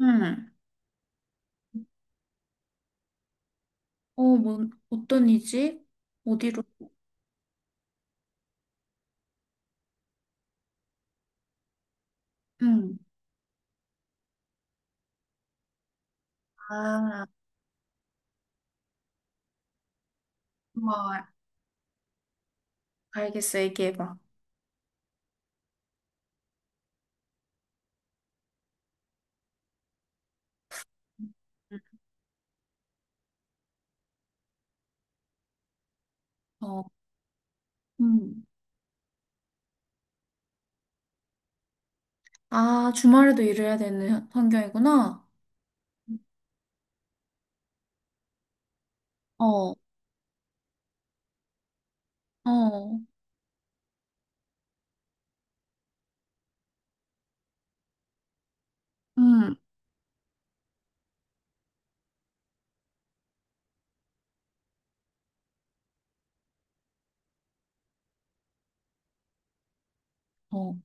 응. 어, 뭐, 어떤 이지? 어디로? 응. 아, 뭐, 알겠어. 얘기해봐. 어, 음. 아, 주말에도 일해야 되는 환경이구나. 어, 어, 음, 어.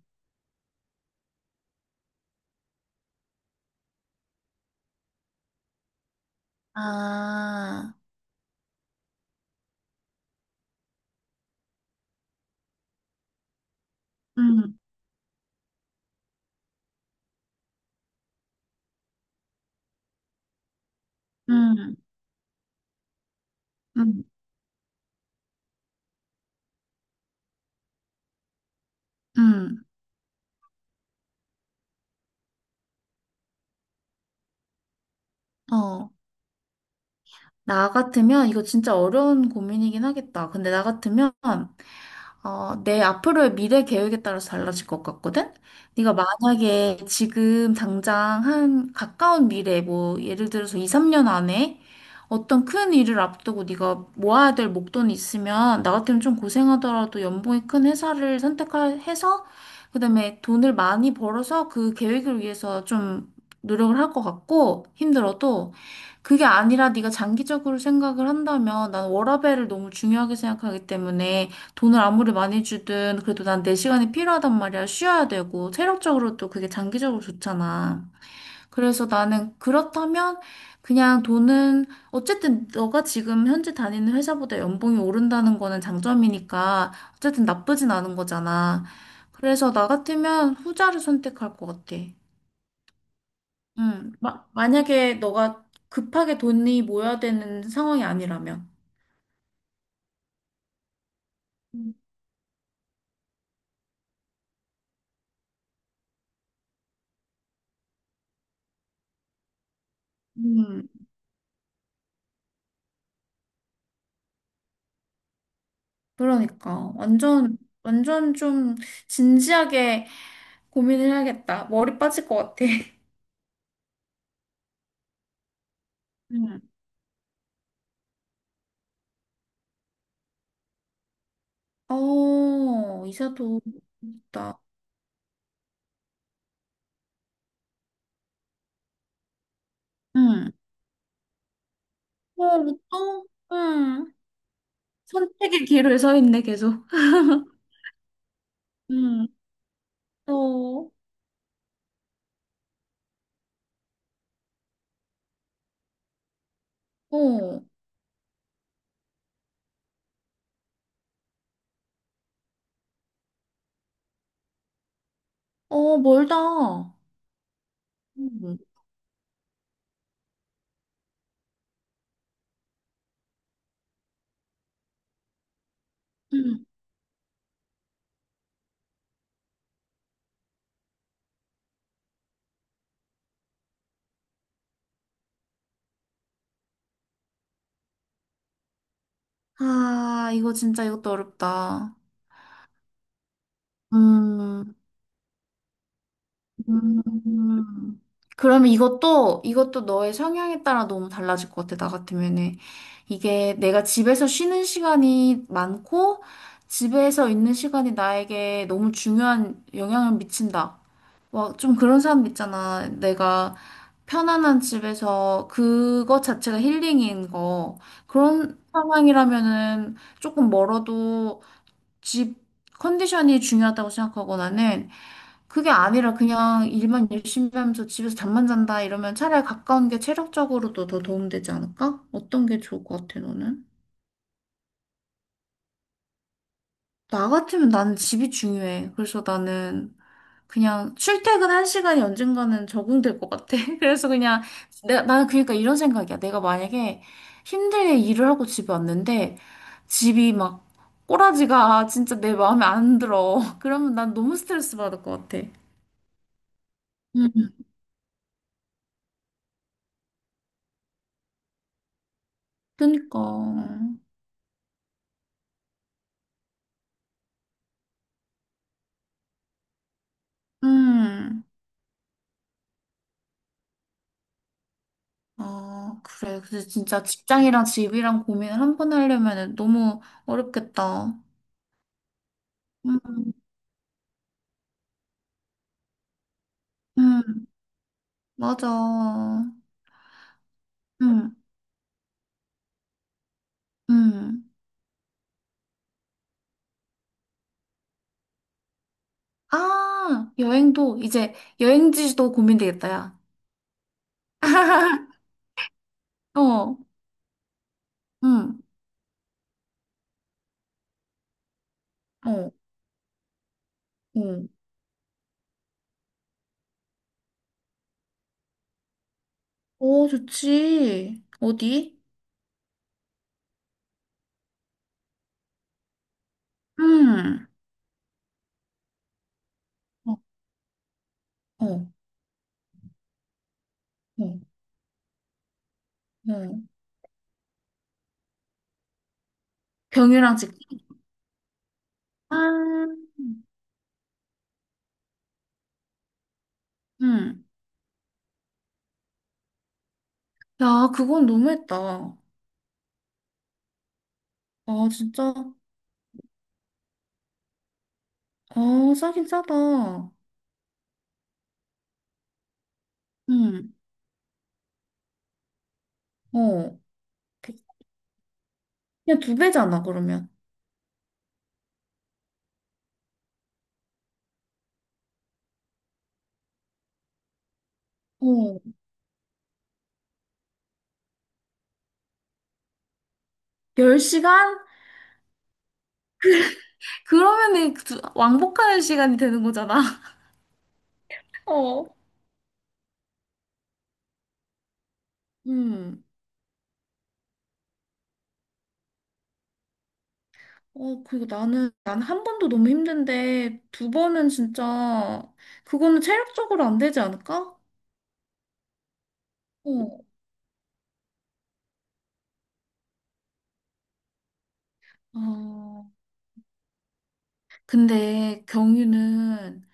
아, 음, 음, 음, 음, 어. 나 같으면, 이거 진짜 어려운 고민이긴 하겠다. 근데 나 같으면, 어, 내 앞으로의 미래 계획에 따라서 달라질 것 같거든? 네가 만약에 지금 당장 한 가까운 미래, 뭐 예를 들어서 2, 3년 안에 어떤 큰 일을 앞두고 네가 모아야 될 목돈이 있으면 나 같으면 좀 고생하더라도 연봉이 큰 회사를 선택해서 그다음에 돈을 많이 벌어서 그 계획을 위해서 좀 노력을 할 것 같고, 힘들어도. 그게 아니라 네가 장기적으로 생각을 한다면 난 워라밸을 너무 중요하게 생각하기 때문에 돈을 아무리 많이 주든 그래도 난 내 시간이 필요하단 말이야. 쉬어야 되고 체력적으로도 그게 장기적으로 좋잖아. 그래서 나는 그렇다면 그냥 돈은 어쨌든 너가 지금 현재 다니는 회사보다 연봉이 오른다는 거는 장점이니까 어쨌든 나쁘진 않은 거잖아. 그래서 나 같으면 후자를 선택할 것 같아. 응, 만약에 너가 급하게 돈이 모여야 되는 상황이 아니라면. 음. 그러니까 완전 좀 진지하게 고민을 해야겠다. 머리 빠질 것 같아. 응. 어, 이사도 있다. 응. 어, 또, 응. 선택의 길을 서 있네, 계속. 응. 또, 어, 어, 멀다. 응. 응. 아, 이거 진짜 이것도 어렵다. 음. 음, 그러면 이것도 너의 성향에 따라 너무 달라질 것 같아, 나 같으면은. 이게 내가 집에서 쉬는 시간이 많고, 집에서 있는 시간이 나에게 너무 중요한 영향을 미친다. 막 좀 그런 사람 있잖아. 내가 편안한 집에서 그것 자체가 힐링인 거. 그런 상황이라면은 조금 멀어도 집 컨디션이 중요하다고 생각하고, 나는 그게 아니라 그냥 일만 열심히 하면서 집에서 잠만 잔다 이러면 차라리 가까운 게 체력적으로도 더 도움되지 않을까? 어떤 게 좋을 것 같아, 너는? 나 같으면 나는 집이 중요해. 그래서 나는 그냥 출퇴근한 시간이 언젠가는 적응될 것 같아. 그래서 그냥 나는 그러니까 이런 생각이야. 내가 만약에 힘들게 일을 하고 집에 왔는데 집이 막 꼬라지가 진짜 내 마음에 안 들어. 그러면 난 너무 스트레스 받을 것 같아. 음, 그니까. 음. 아, 그래. 근데 진짜 직장이랑 집이랑 고민을 한 번 하려면 너무 어렵겠다. 음, 음, 맞아. 음, 음. 아, 여행도, 이제 여행지도 고민되겠다, 야. 어, 음, 어, 어. 오, 좋지. 어디? 음, 어, 어, 어, 어. 병이랑 직, 아, 음. 야, 그건 너무했다. 아, 진짜. 아, 싸긴 싸다. 응. 어. 그, 그냥 두 배잖아, 그러면. 어, 열 시간. 그러면은 그 왕복하는 시간이 되는 거잖아. 어. 음. 어, 그리고 난 한 번도 너무 힘든데, 두 번은 진짜, 그거는 체력적으로 안 되지 않을까? 어. 아, 근데 경유는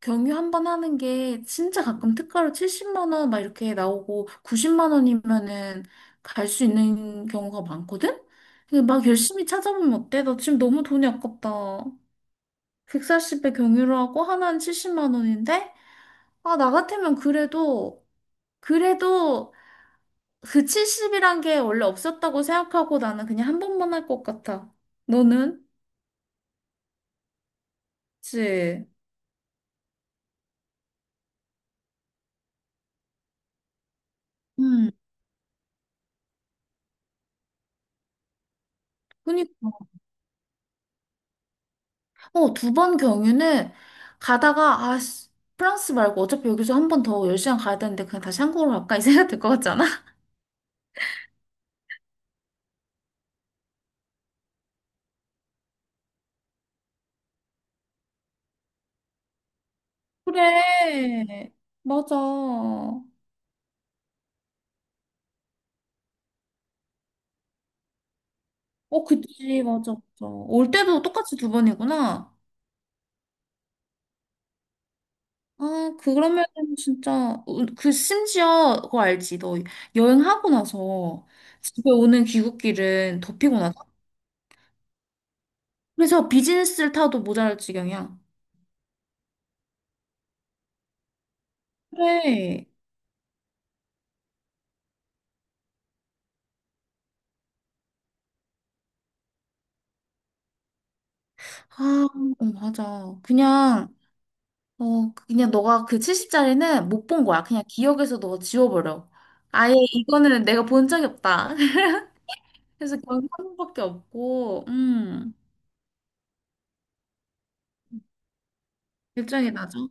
경유 한 번 하는 게 진짜 가끔 특가로 70만 원 막 이렇게 나오고 90만 원이면은 갈 수 있는 경우가 많거든? 근데 막 열심히 찾아보면 어때? 나 지금 너무 돈이 아깝다. 140배 경유를 하고 하나는 70만 원인데? 아, 나 같으면 그래도 그 70이란 게 원래 없었다고 생각하고 나는 그냥 한 번만 할 것 같아. 너는? 그치? 응. 그니 어, 두 번 경유는 가다가, 아, 씨, 프랑스 말고 어차피 여기서 한 번 더 10시간 가야 되는데 그냥 다시 한국으로 갈까? 이 생각 들 것 같지 않아? 그래. 맞아. 어, 그치. 맞아. 올 때도 똑같이 두 번이구나. 아, 그러면 진짜, 어, 그, 심지어, 그거 알지? 너 여행하고 나서 집에 오는 귀국길은 더 피곤하다. 그래서 비즈니스를 타도 모자랄 지경이야. 그래. 아, 어, 맞아. 그냥, 어, 그냥 너가 그 70짜리는 못 본 거야. 그냥 기억에서 너 지워버려. 아예 이거는 내가 본 적이 없다. 그래서 결국 한 번밖에 없고, 결정이 나죠.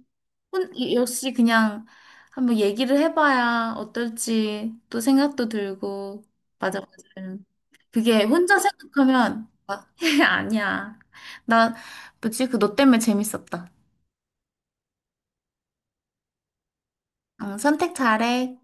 역시 그냥 한번 얘기를 해봐야 어떨지 또 생각도 들고, 맞아. 그게 혼자 생각하면, 아, 아니야. 나, 뭐지? 그 너 때문에 재밌었다. 응, 선택 잘해.